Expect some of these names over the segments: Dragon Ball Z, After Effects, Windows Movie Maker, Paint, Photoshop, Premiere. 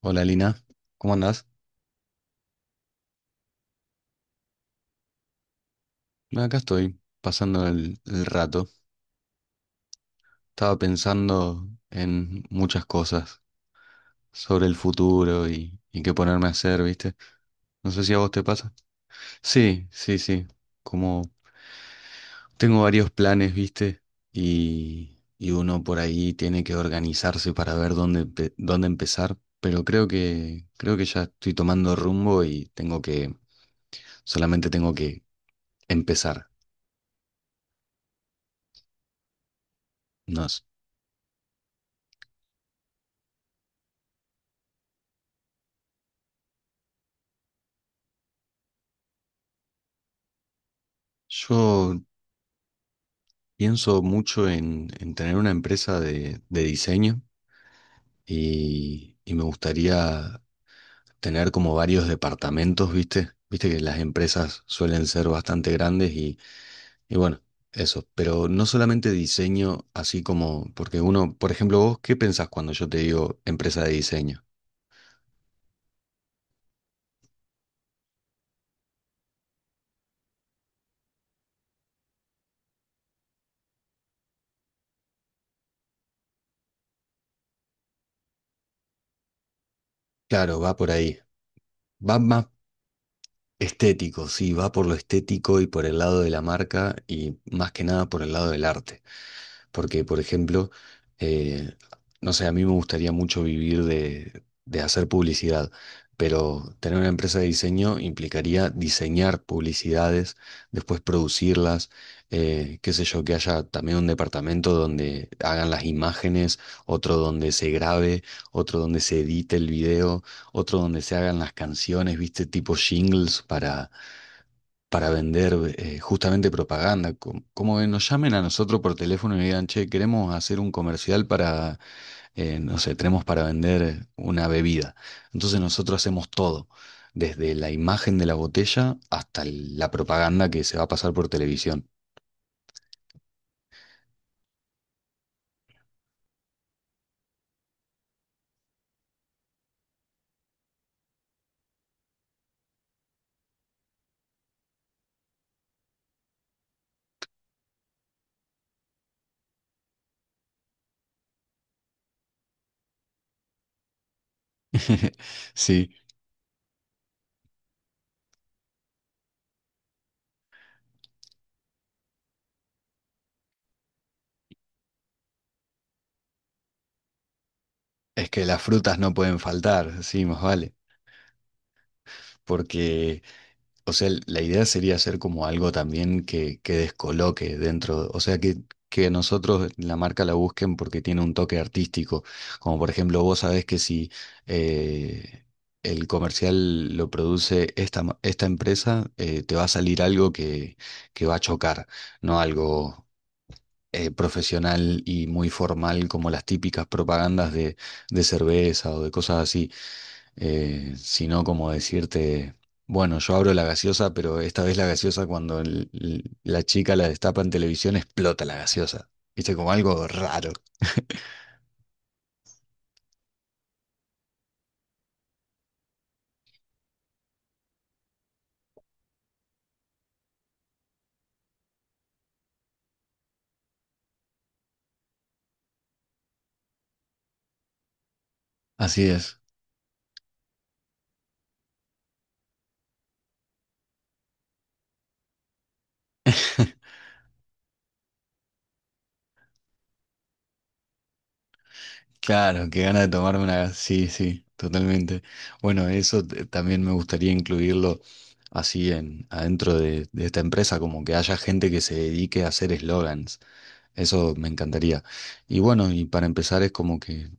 Hola Lina, ¿cómo andás? No, acá estoy, pasando el rato. Estaba pensando en muchas cosas sobre el futuro y qué ponerme a hacer, ¿viste? No sé si a vos te pasa. Sí, sí, sí. Como tengo varios planes, ¿viste? Y uno por ahí tiene que organizarse para ver dónde, dónde empezar. Pero creo que ya estoy tomando rumbo y solamente tengo que empezar. No sé. Yo Pienso mucho en tener una empresa de diseño y me gustaría tener como varios departamentos, ¿viste? Viste que las empresas suelen ser bastante grandes y bueno, eso. Pero no solamente diseño, así como, porque uno, por ejemplo, vos, ¿qué pensás cuando yo te digo empresa de diseño? Claro, va por ahí. Va más estético, sí, va por lo estético y por el lado de la marca y más que nada por el lado del arte. Porque, por ejemplo, eh, no sé, a mí me gustaría mucho vivir de hacer publicidad, pero tener una empresa de diseño implicaría diseñar publicidades, después producirlas, qué sé yo, que haya también un departamento donde hagan las imágenes, otro donde se grabe, otro donde se edite el video, otro donde se hagan las canciones, viste, tipo jingles para vender justamente propaganda. Como, como que nos llamen a nosotros por teléfono y digan, che, queremos hacer un comercial para, no sé, tenemos para vender una bebida. Entonces nosotros hacemos todo, desde la imagen de la botella hasta la propaganda que se va a pasar por televisión. Sí, es que las frutas no pueden faltar, sí, más vale. Porque O sea, la idea sería hacer como algo también que descoloque dentro, o sea, que nosotros la marca la busquen porque tiene un toque artístico. Como por ejemplo, vos sabés que si eh, el comercial lo produce esta empresa, te va a salir algo que va a chocar, no algo profesional y muy formal como las típicas propagandas de cerveza o de cosas así sino como decirte, bueno, yo abro la gaseosa, pero esta vez la gaseosa cuando la chica la destapa en televisión explota la gaseosa. Viste, como algo raro. Así es. Claro, qué gana de tomarme una... Sí, sí, totalmente. Bueno, eso también me gustaría incluirlo así en, adentro de esta empresa, como que haya gente que se dedique a hacer eslogans. Eso me encantaría. Y bueno, y para empezar es como que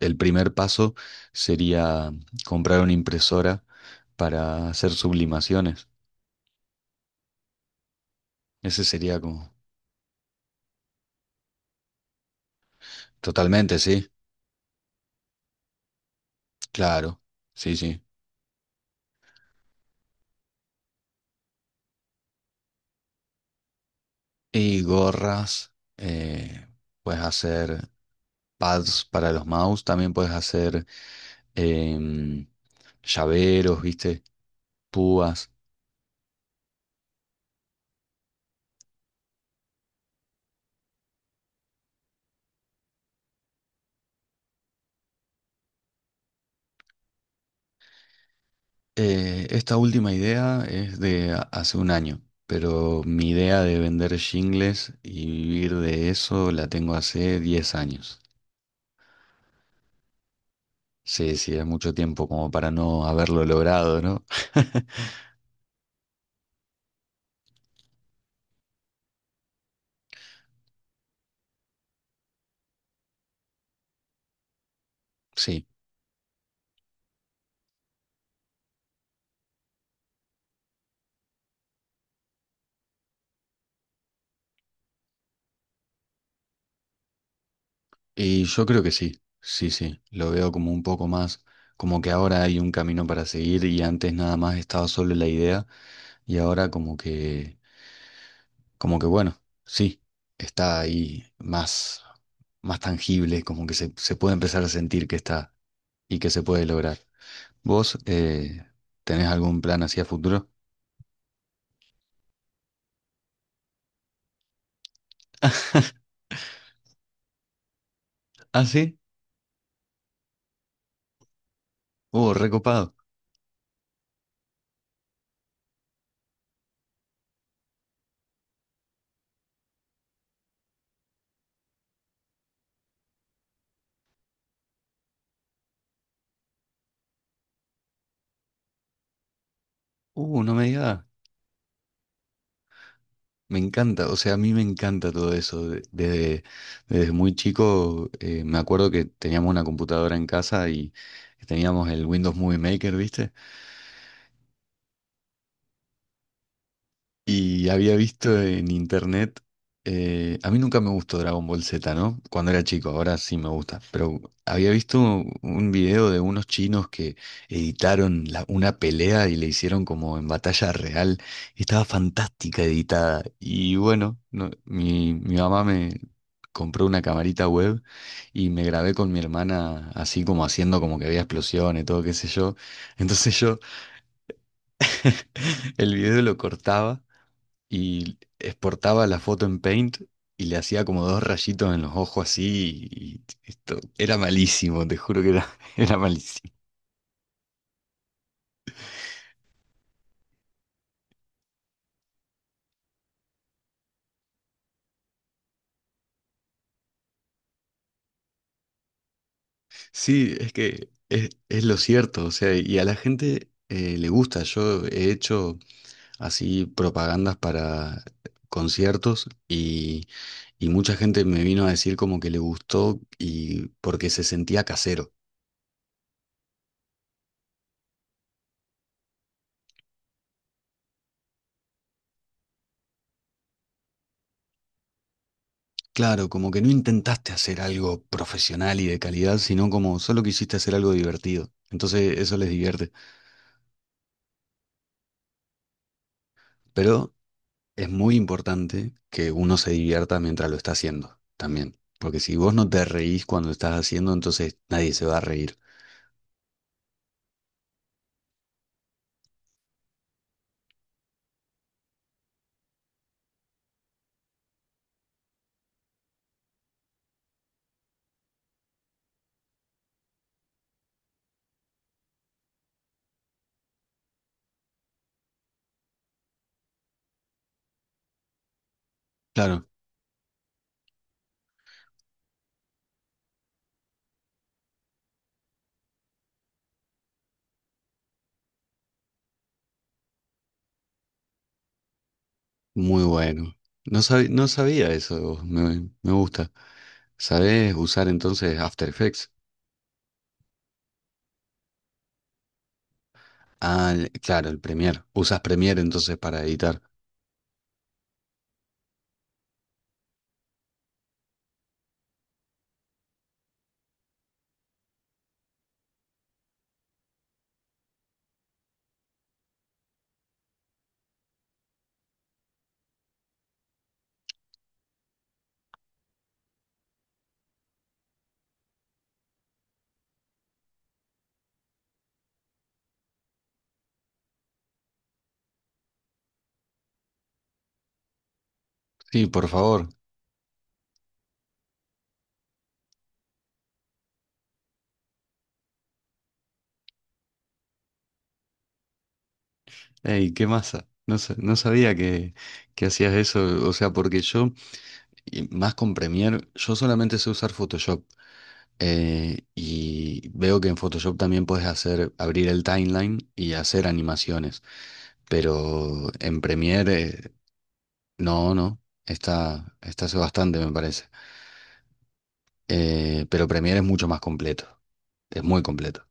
el primer paso sería comprar una impresora para hacer sublimaciones. Ese sería como... Totalmente, sí. Claro. Sí, sí. Y gorras. eh, puedes hacer pads para los mouse. También puedes hacer em, llaveros, ¿viste? Púas. Esta última idea es de hace un año, pero mi idea de vender shingles y vivir de eso la tengo hace 10 años. Sí, sí, es mucho tiempo como para no haberlo logrado, ¿no? Sí, y yo creo que sí, sí, sí, lo veo como un poco más, como que ahora hay un camino para seguir y antes nada más estaba solo la idea y ahora como que, como que bueno, sí, está ahí más, más tangible, como que se puede empezar a sentir que está y que se puede lograr. ¿Vos tenés algún plan hacia futuro? Ah, sí, recopado. No me digas. Me encanta, o sea, a mí me encanta todo eso. Desde, desde muy chico me acuerdo que teníamos una computadora en casa y teníamos el Windows Movie Maker, ¿viste? Y había visto en internet, a mí nunca me gustó Dragon Ball Z, ¿no? Cuando era chico, ahora sí me gusta, pero había visto un video de unos chinos que editaron una pelea y le hicieron como en batalla real, y estaba fantástica editada. Y bueno, mi mamá me compró una camarita web y me grabé con mi hermana así como haciendo como que había explosiones, todo qué sé yo. Entonces yo el video lo cortaba y exportaba la foto en Paint y le hacía como dos rayitos en los ojos así y esto era malísimo, te juro que era, era malísimo. Sí, es que es lo cierto, o sea, y a la gente le gusta. Yo he hecho así propagandas para conciertos y mucha gente me vino a decir como que le gustó y porque se sentía casero. Claro, como que no intentaste hacer algo profesional y de calidad, sino como solo quisiste hacer algo divertido. Entonces eso les divierte. Pero es muy importante que uno se divierta mientras lo está haciendo también. Porque si vos no te reís cuando estás haciendo, entonces nadie se va a reír. Claro, muy bueno. No sabía, no sabía eso, de vos, me gusta. ¿Sabés usar entonces After Effects? Ah, claro, el Premiere. Usas Premiere entonces para editar. Sí, por favor. Ey, qué masa. No, no sabía que hacías eso. O sea, porque yo, y más con Premiere, yo solamente sé usar Photoshop. Y veo que en Photoshop también puedes hacer, abrir el timeline y hacer animaciones. Pero en Premiere, no, no. Está, está hace bastante, me parece. Pero Premiere es mucho más completo. Es muy completo.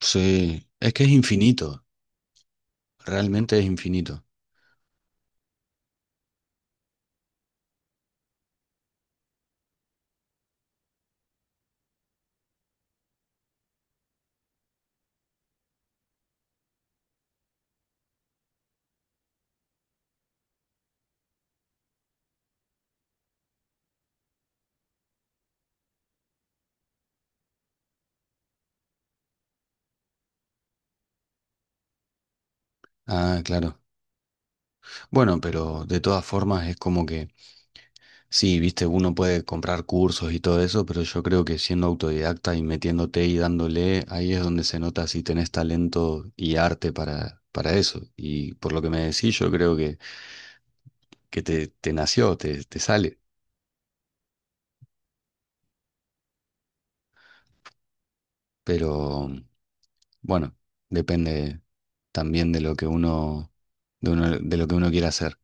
Sí, es que es infinito. Realmente es infinito. Ah, claro. Bueno, pero de todas formas es como que. Sí, viste, uno puede comprar cursos y todo eso, pero yo creo que siendo autodidacta y metiéndote y dándole, ahí es donde se nota si tenés talento y arte para eso. Y por lo que me decís, yo creo que te nació, te sale. Pero bueno, depende también de lo que uno, de lo que uno quiera hacer.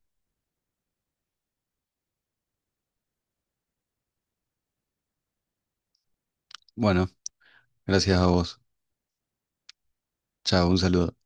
Bueno, gracias a vos. Chao, un saludo.